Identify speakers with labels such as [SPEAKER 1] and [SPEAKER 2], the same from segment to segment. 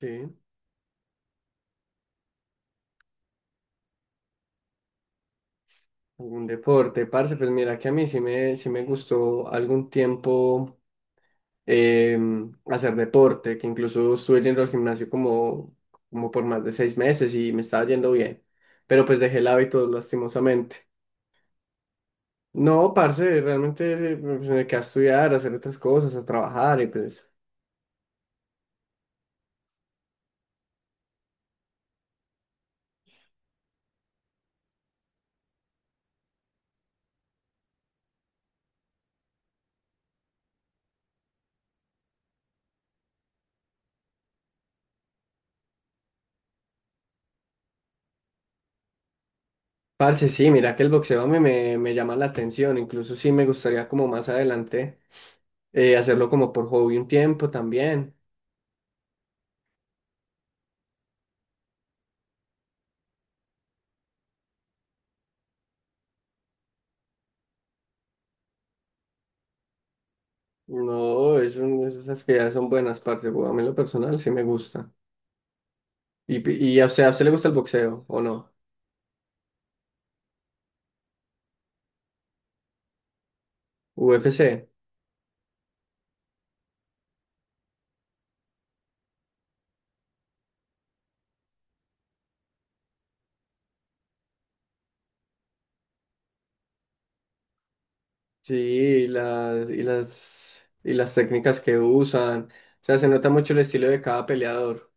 [SPEAKER 1] Sí, algún deporte, parce, pues mira que a mí sí me gustó algún tiempo hacer deporte, que incluso estuve yendo al gimnasio como por más de 6 meses y me estaba yendo bien, pero pues dejé el hábito lastimosamente. No, parce, realmente pues, me quedé a estudiar, a hacer otras cosas, a trabajar y pues. Parce, sí, mira que el boxeo a mí me llama la atención, incluso sí me gustaría como más adelante hacerlo como por hobby un tiempo también. No, esas que ya son buenas, parce. Güey. A mí en lo personal sí me gusta. Y o sea, ¿a usted le gusta el boxeo o no? UFC. Sí, y las técnicas que usan. O sea, se nota mucho el estilo de cada peleador.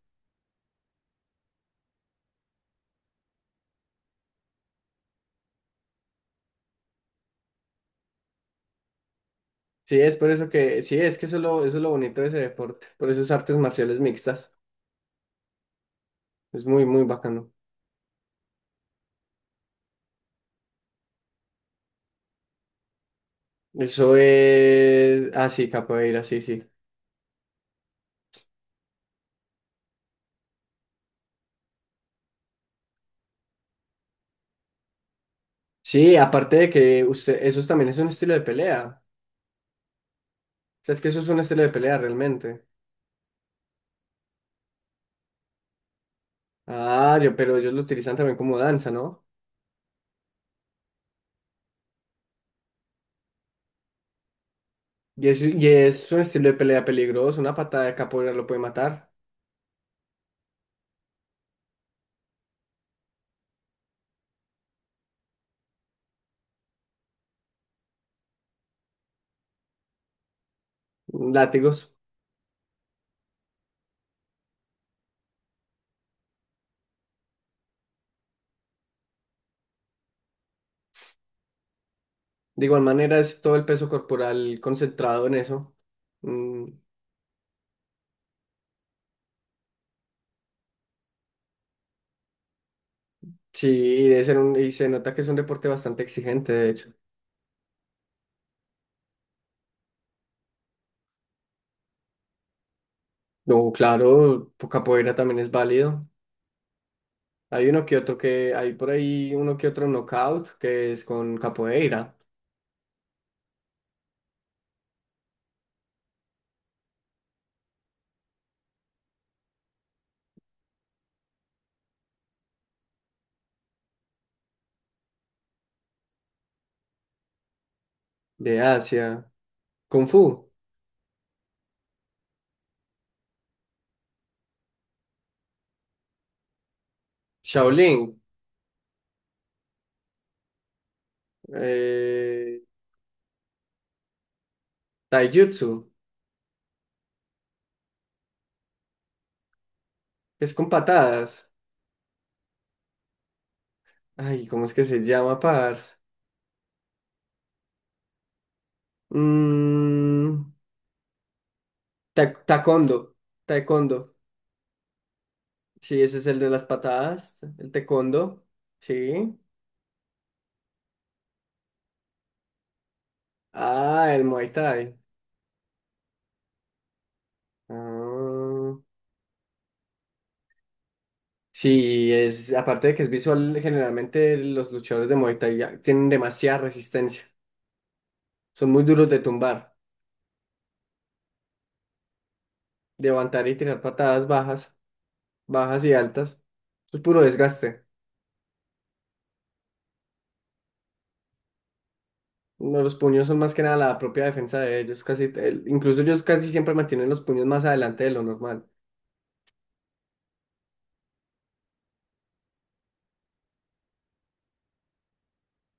[SPEAKER 1] Sí, es por eso que, sí, es que eso es lo bonito de ese deporte. Por eso es artes marciales mixtas. Es muy, muy bacano. Eso es, ah, sí, capoeira, sí, sí. Sí, aparte de que usted, eso también es un estilo de pelea. O sea, es que eso es un estilo de pelea realmente. Ah, yo, pero ellos lo utilizan también como danza, ¿no? Y es un estilo de pelea peligroso, una patada de capoeira lo puede matar. Mm, látigos. De igual manera es todo el peso corporal concentrado en eso. Mm, sí, y se nota que es un deporte bastante exigente, de hecho. No, claro, pues, capoeira también es válido. Hay por ahí uno que otro knockout que es con capoeira de Asia, Kung Fu, Shaolin, eh, Taijutsu. Es con patadas. Ay, ¿cómo es que se llama, parce? Mm, taekwondo. Taekwondo. Sí, ese es el de las patadas. El taekwondo. Sí. Ah, el Muay Thai. Ah, sí, es, aparte de que es visual, generalmente los luchadores de Muay Thai ya tienen demasiada resistencia. Son muy duros de tumbar, de levantar y tirar patadas bajas, bajas y altas. Es puro desgaste. No, los puños son más que nada la propia defensa de ellos. Casi, incluso ellos casi siempre mantienen los puños más adelante de lo normal.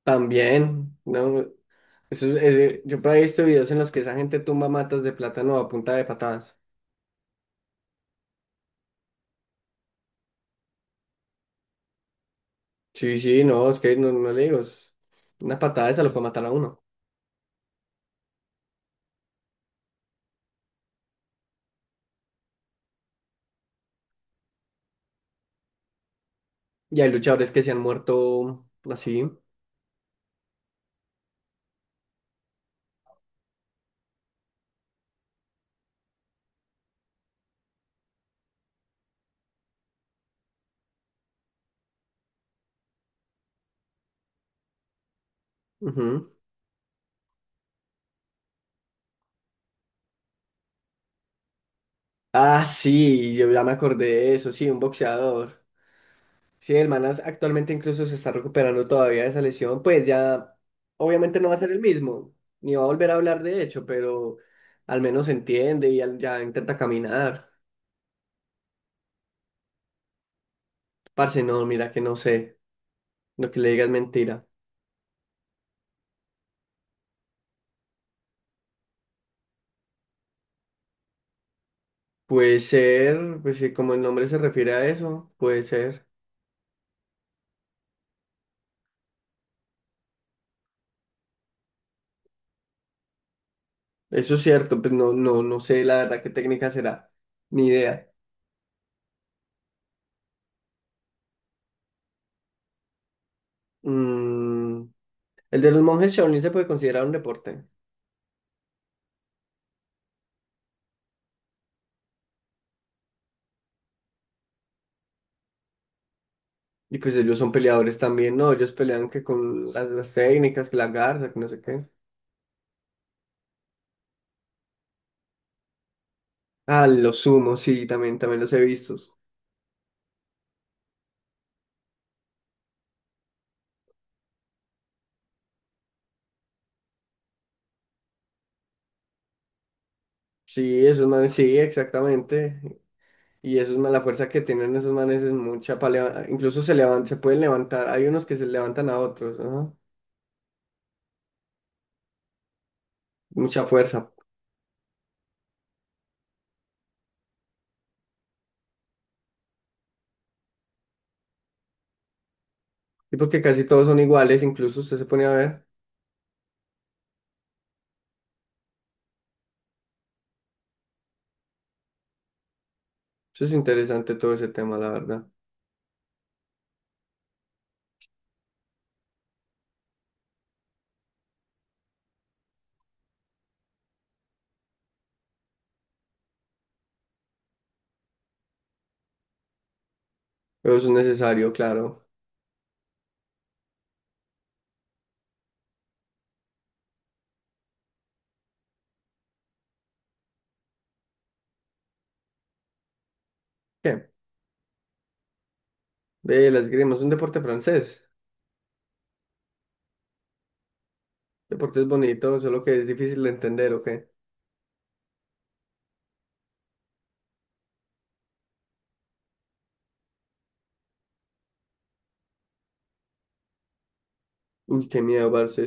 [SPEAKER 1] También, ¿no? Eso, yo por ahí he visto videos en los que esa gente tumba matas de plátano a punta de patadas. Sí, sí, no, es que no, no le digo. Una patada esa lo puede matar a uno. Y hay luchadores que se han muerto así. Ujú. Ah, sí, yo ya me acordé de eso, sí, un boxeador. Sí, el Manas actualmente incluso se está recuperando todavía de esa lesión, pues ya obviamente no va a ser el mismo, ni va a volver a hablar de hecho, pero al menos entiende y ya intenta caminar. Parce, no, mira que no sé, lo que le diga es mentira. Puede ser, pues sí, como el nombre se refiere a eso, puede ser. Eso es cierto, pues no, no, no sé la verdad qué técnica será, ni idea. Mm, el de los monjes Shaolin se puede considerar un deporte. Y pues ellos son peleadores también, ¿no? Ellos pelean que con las técnicas, que la garza, que no sé qué. Ah, los sumos, sí, también los he visto. Sí, esos manes, sí, exactamente. Y esos manes, la fuerza que tienen esos manes es mucha para levantar. Incluso se pueden levantar. Hay unos que se levantan a otros, ¿no? Mucha fuerza. Y porque casi todos son iguales, incluso usted se pone a ver. Eso es interesante todo ese tema, la verdad. Pero eso es necesario, claro. ¿Qué? Ve, la esgrima es un deporte francés. Deporte es bonito, solo que es difícil de entender, ¿ok? Uy, qué miedo, parce.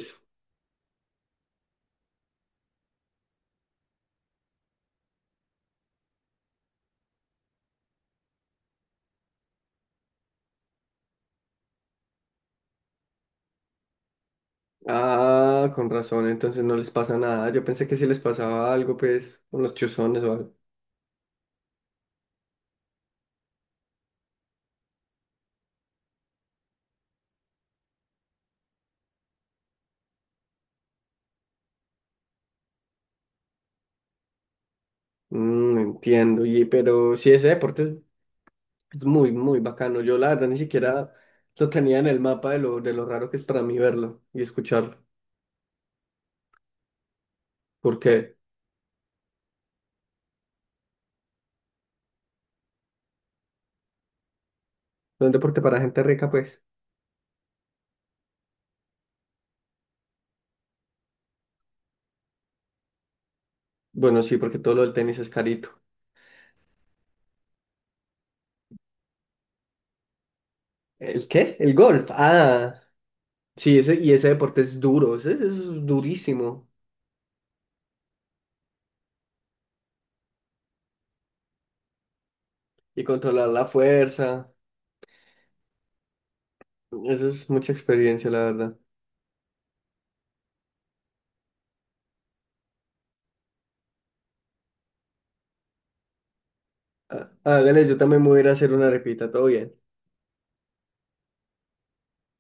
[SPEAKER 1] Ah, con razón, entonces no les pasa nada. Yo pensé que si les pasaba algo, pues, con los chuzones o algo. Entiendo, pero sí, ese deporte es muy, muy bacano. Yo, la verdad, ni siquiera lo tenía en el mapa de lo raro que es para mí verlo y escucharlo. Porque es un deporte para gente rica, pues. Bueno, sí, porque todo lo del tenis es carito. ¿El qué? El golf. Ah, sí, y ese deporte es duro, ese es durísimo. Y controlar la fuerza. Eso es mucha experiencia, la verdad. Ah, hágale, yo también me voy a ir a hacer una arepita, todo bien.